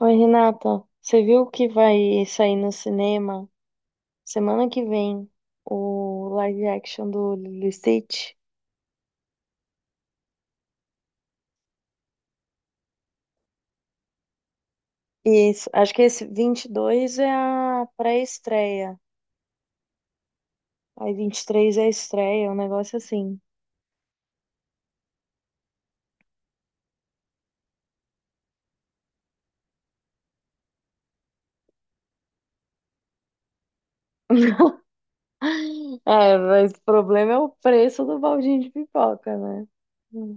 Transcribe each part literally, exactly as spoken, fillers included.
Oi, Renata, você viu que vai sair no cinema semana que vem o live action do Lilo e Stitch? E esse- acho que esse vinte e dois é a pré-estreia, aí vinte e três é a estreia, um negócio assim. É, mas o problema é o preço do baldinho de pipoca, né? Hum.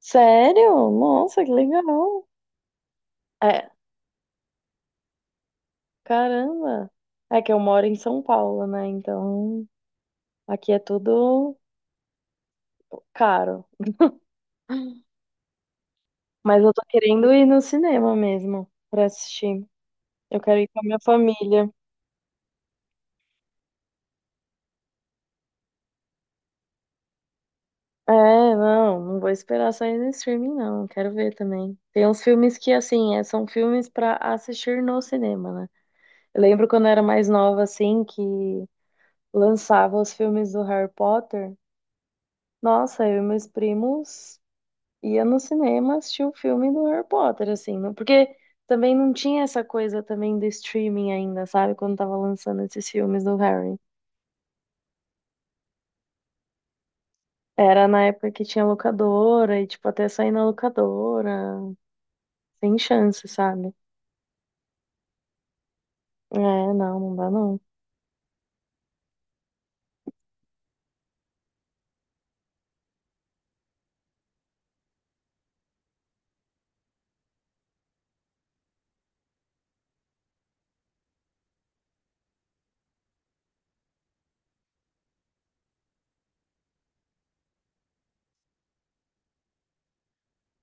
Sério? Nossa, que legal! É, caramba! É que eu moro em São Paulo, né? Então aqui é tudo caro. Mas eu tô querendo ir no cinema mesmo pra assistir. Eu quero ir com a minha família. É, não, não vou esperar sair no streaming, não. Quero ver também. Tem uns filmes que, assim, é, são filmes pra assistir no cinema, né? Eu lembro quando eu era mais nova, assim, que lançava os filmes do Harry Potter. Nossa, eu e meus primos ia no cinema assistir o filme do Harry Potter, assim, não- porque também não tinha essa coisa também do streaming ainda, sabe? Quando tava lançando esses filmes do Harry. Era na época que tinha locadora e, tipo, até sair na locadora, sem chance, sabe? É, não, não dá não.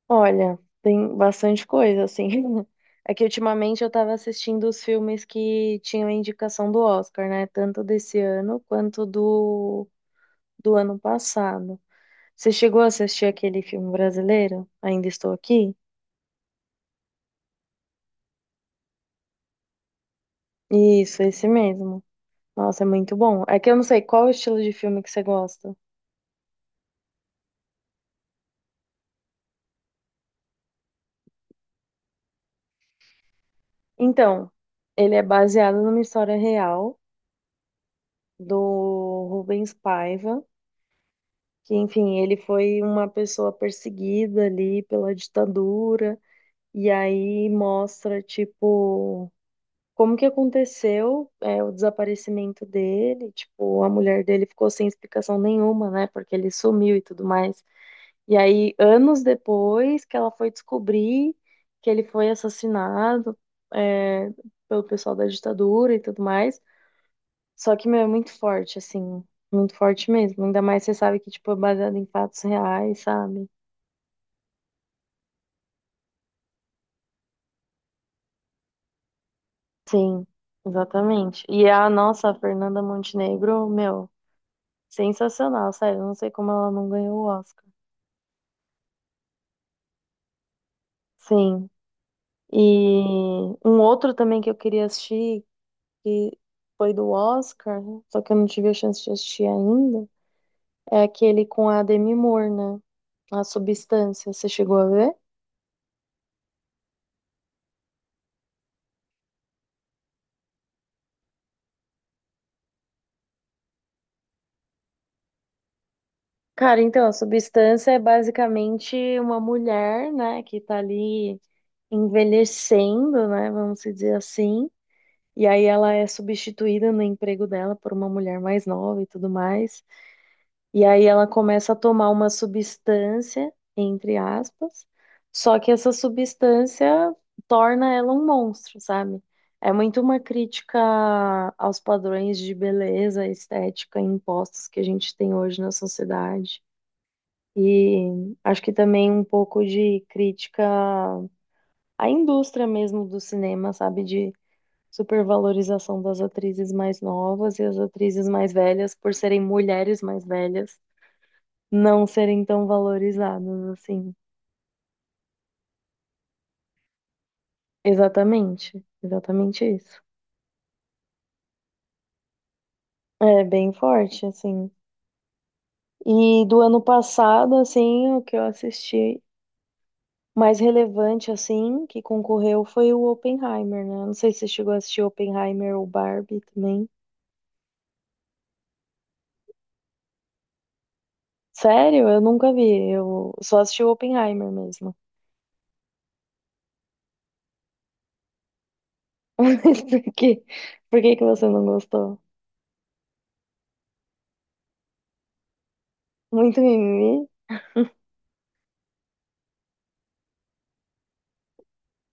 Olha, tem bastante coisa, assim. É que ultimamente eu tava assistindo os filmes que tinham a indicação do Oscar, né? Tanto desse ano quanto do, do ano passado. Você chegou a assistir aquele filme brasileiro? Ainda Estou Aqui? Isso, esse mesmo. Nossa, é muito bom. É que eu não sei qual o estilo de filme que você gosta. Então, ele é baseado numa história real do Rubens Paiva, que, enfim, ele foi uma pessoa perseguida ali pela ditadura, e aí mostra, tipo, como que aconteceu, é, o desaparecimento dele, tipo, a mulher dele ficou sem explicação nenhuma, né, porque ele sumiu e tudo mais. E aí, anos depois que ela foi descobrir que ele foi assassinado, é, pelo pessoal da ditadura e tudo mais. Só que, meu, é muito forte, assim. Muito forte mesmo. Ainda mais você sabe que, tipo, é baseado em fatos reais, sabe? Sim, exatamente. E a nossa Fernanda Montenegro, meu, sensacional, sério. Não sei como ela não ganhou o Oscar. Sim. E um outro também que eu queria assistir, que foi do Oscar, só que eu não tive a chance de assistir ainda, é aquele com a Demi Moore, né? A Substância. Você chegou a ver? Cara, então, a substância é basicamente uma mulher, né, que tá ali envelhecendo, né, vamos se dizer assim. E aí ela é substituída no emprego dela por uma mulher mais nova e tudo mais. E aí ela começa a tomar uma substância, entre aspas, só que essa substância torna ela um monstro, sabe? É muito uma crítica aos padrões de beleza estética impostos que a gente tem hoje na sociedade. E acho que também um pouco de crítica à indústria mesmo do cinema, sabe? De supervalorização das atrizes mais novas e as atrizes mais velhas, por serem mulheres mais velhas, não serem tão valorizadas assim. Exatamente, exatamente isso. É bem forte, assim. E do ano passado, assim, o que eu assisti mais relevante, assim, que concorreu foi o Oppenheimer, né? Não sei se você chegou a assistir Oppenheimer ou Barbie também. Sério? Eu nunca vi. Eu só assisti o Oppenheimer mesmo. Mas por quê? Por que que você não gostou? Muito mimimi?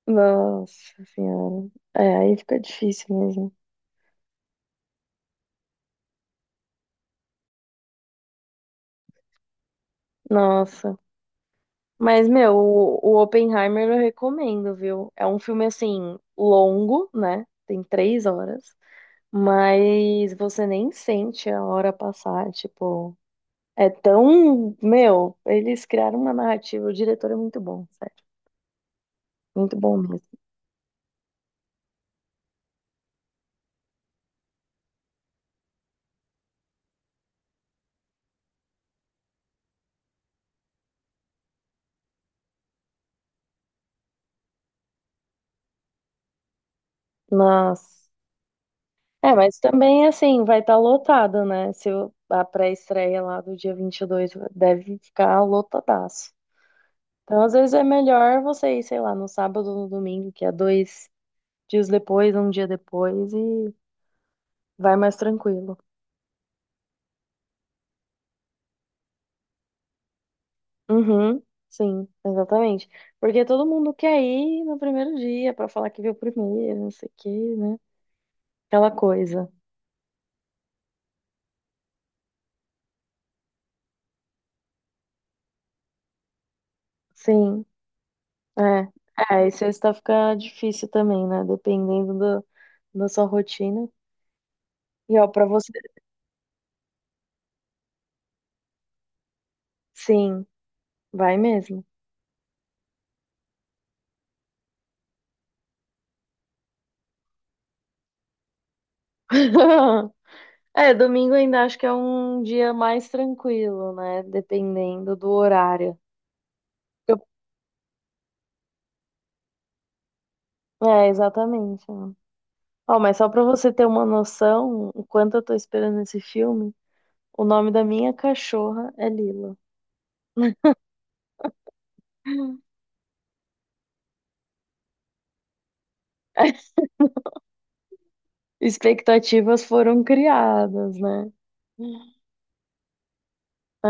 Nossa senhora. É, aí fica difícil mesmo. Nossa. Mas, meu, o, o Oppenheimer eu recomendo, viu? É um filme, assim, longo, né? Tem três horas. Mas você nem sente a hora passar, tipo... É tão... Meu, eles criaram uma narrativa. O diretor é muito bom, sério. Muito bom mesmo. Nossa. É, mas também, assim, vai estar lotado, né? Se o- a pré-estreia lá do dia vinte e dois deve ficar lotadaço. Então, às vezes é melhor você ir, sei lá, no sábado ou no domingo, que é dois dias depois, um dia depois, e vai mais tranquilo. Uhum, sim, exatamente. Porque todo mundo quer ir no primeiro dia pra falar que viu primeiro, não sei o quê, né? Aquela coisa. Sim, é. É, e sexta fica difícil também, né? Dependendo do, da sua rotina. E ó, pra você. Sim, vai mesmo. É, domingo ainda acho que é um dia mais tranquilo, né? Dependendo do horário. Eu- É, exatamente. Ó. Ó, mas só pra você ter uma noção, o quanto eu tô esperando esse filme, o nome da minha cachorra é Lila. Expectativas foram criadas, né?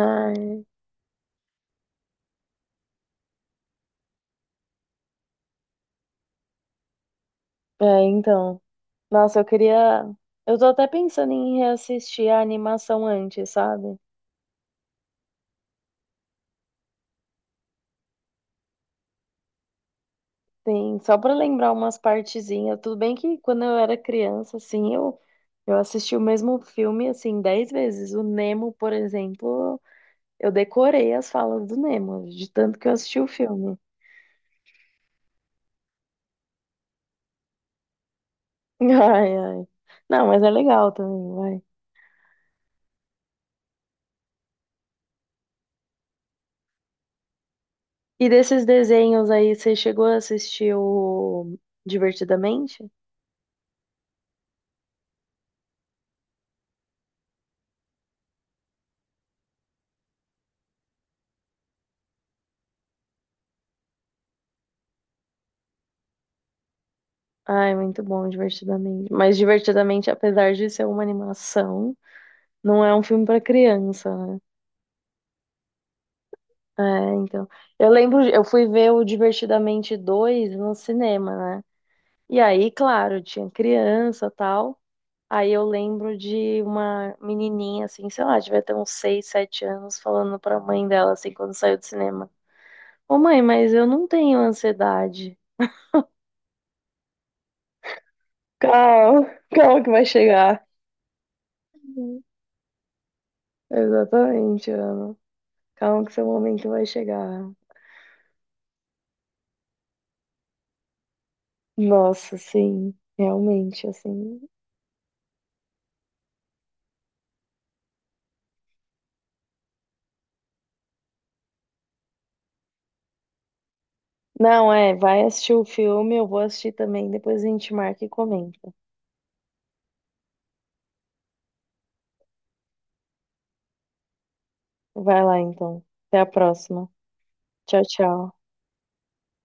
Ai, é, então. Nossa, eu queria. Eu tô até pensando em reassistir a animação antes, sabe? Sim, só para lembrar umas partezinhas. Tudo bem que quando eu era criança, assim, eu, eu assisti o mesmo filme, assim, dez vezes. O Nemo, por exemplo, eu decorei as falas do Nemo, de tanto que eu assisti o filme. Ai, ai. Não, mas é legal também, vai. E desses desenhos aí, você chegou a assistir o Divertidamente? Ai, muito bom, Divertidamente. Mas Divertidamente, apesar de ser uma animação, não é um filme para criança, né? É, então. Eu lembro, eu fui ver o Divertidamente dois no cinema, né? E aí, claro, tinha criança tal. Aí eu lembro de uma menininha, assim, sei lá, devia ter uns seis, sete anos, falando pra mãe dela, assim, quando saiu do cinema: Ô mãe, mas eu não tenho ansiedade. Calma, calma que vai chegar. Uhum. Exatamente, Ana. Calma que seu momento vai chegar. Nossa, sim, realmente, assim. Não, é, vai assistir o filme, eu vou assistir também, depois a gente marca e comenta. Vai lá então. Até a próxima. Tchau, tchau.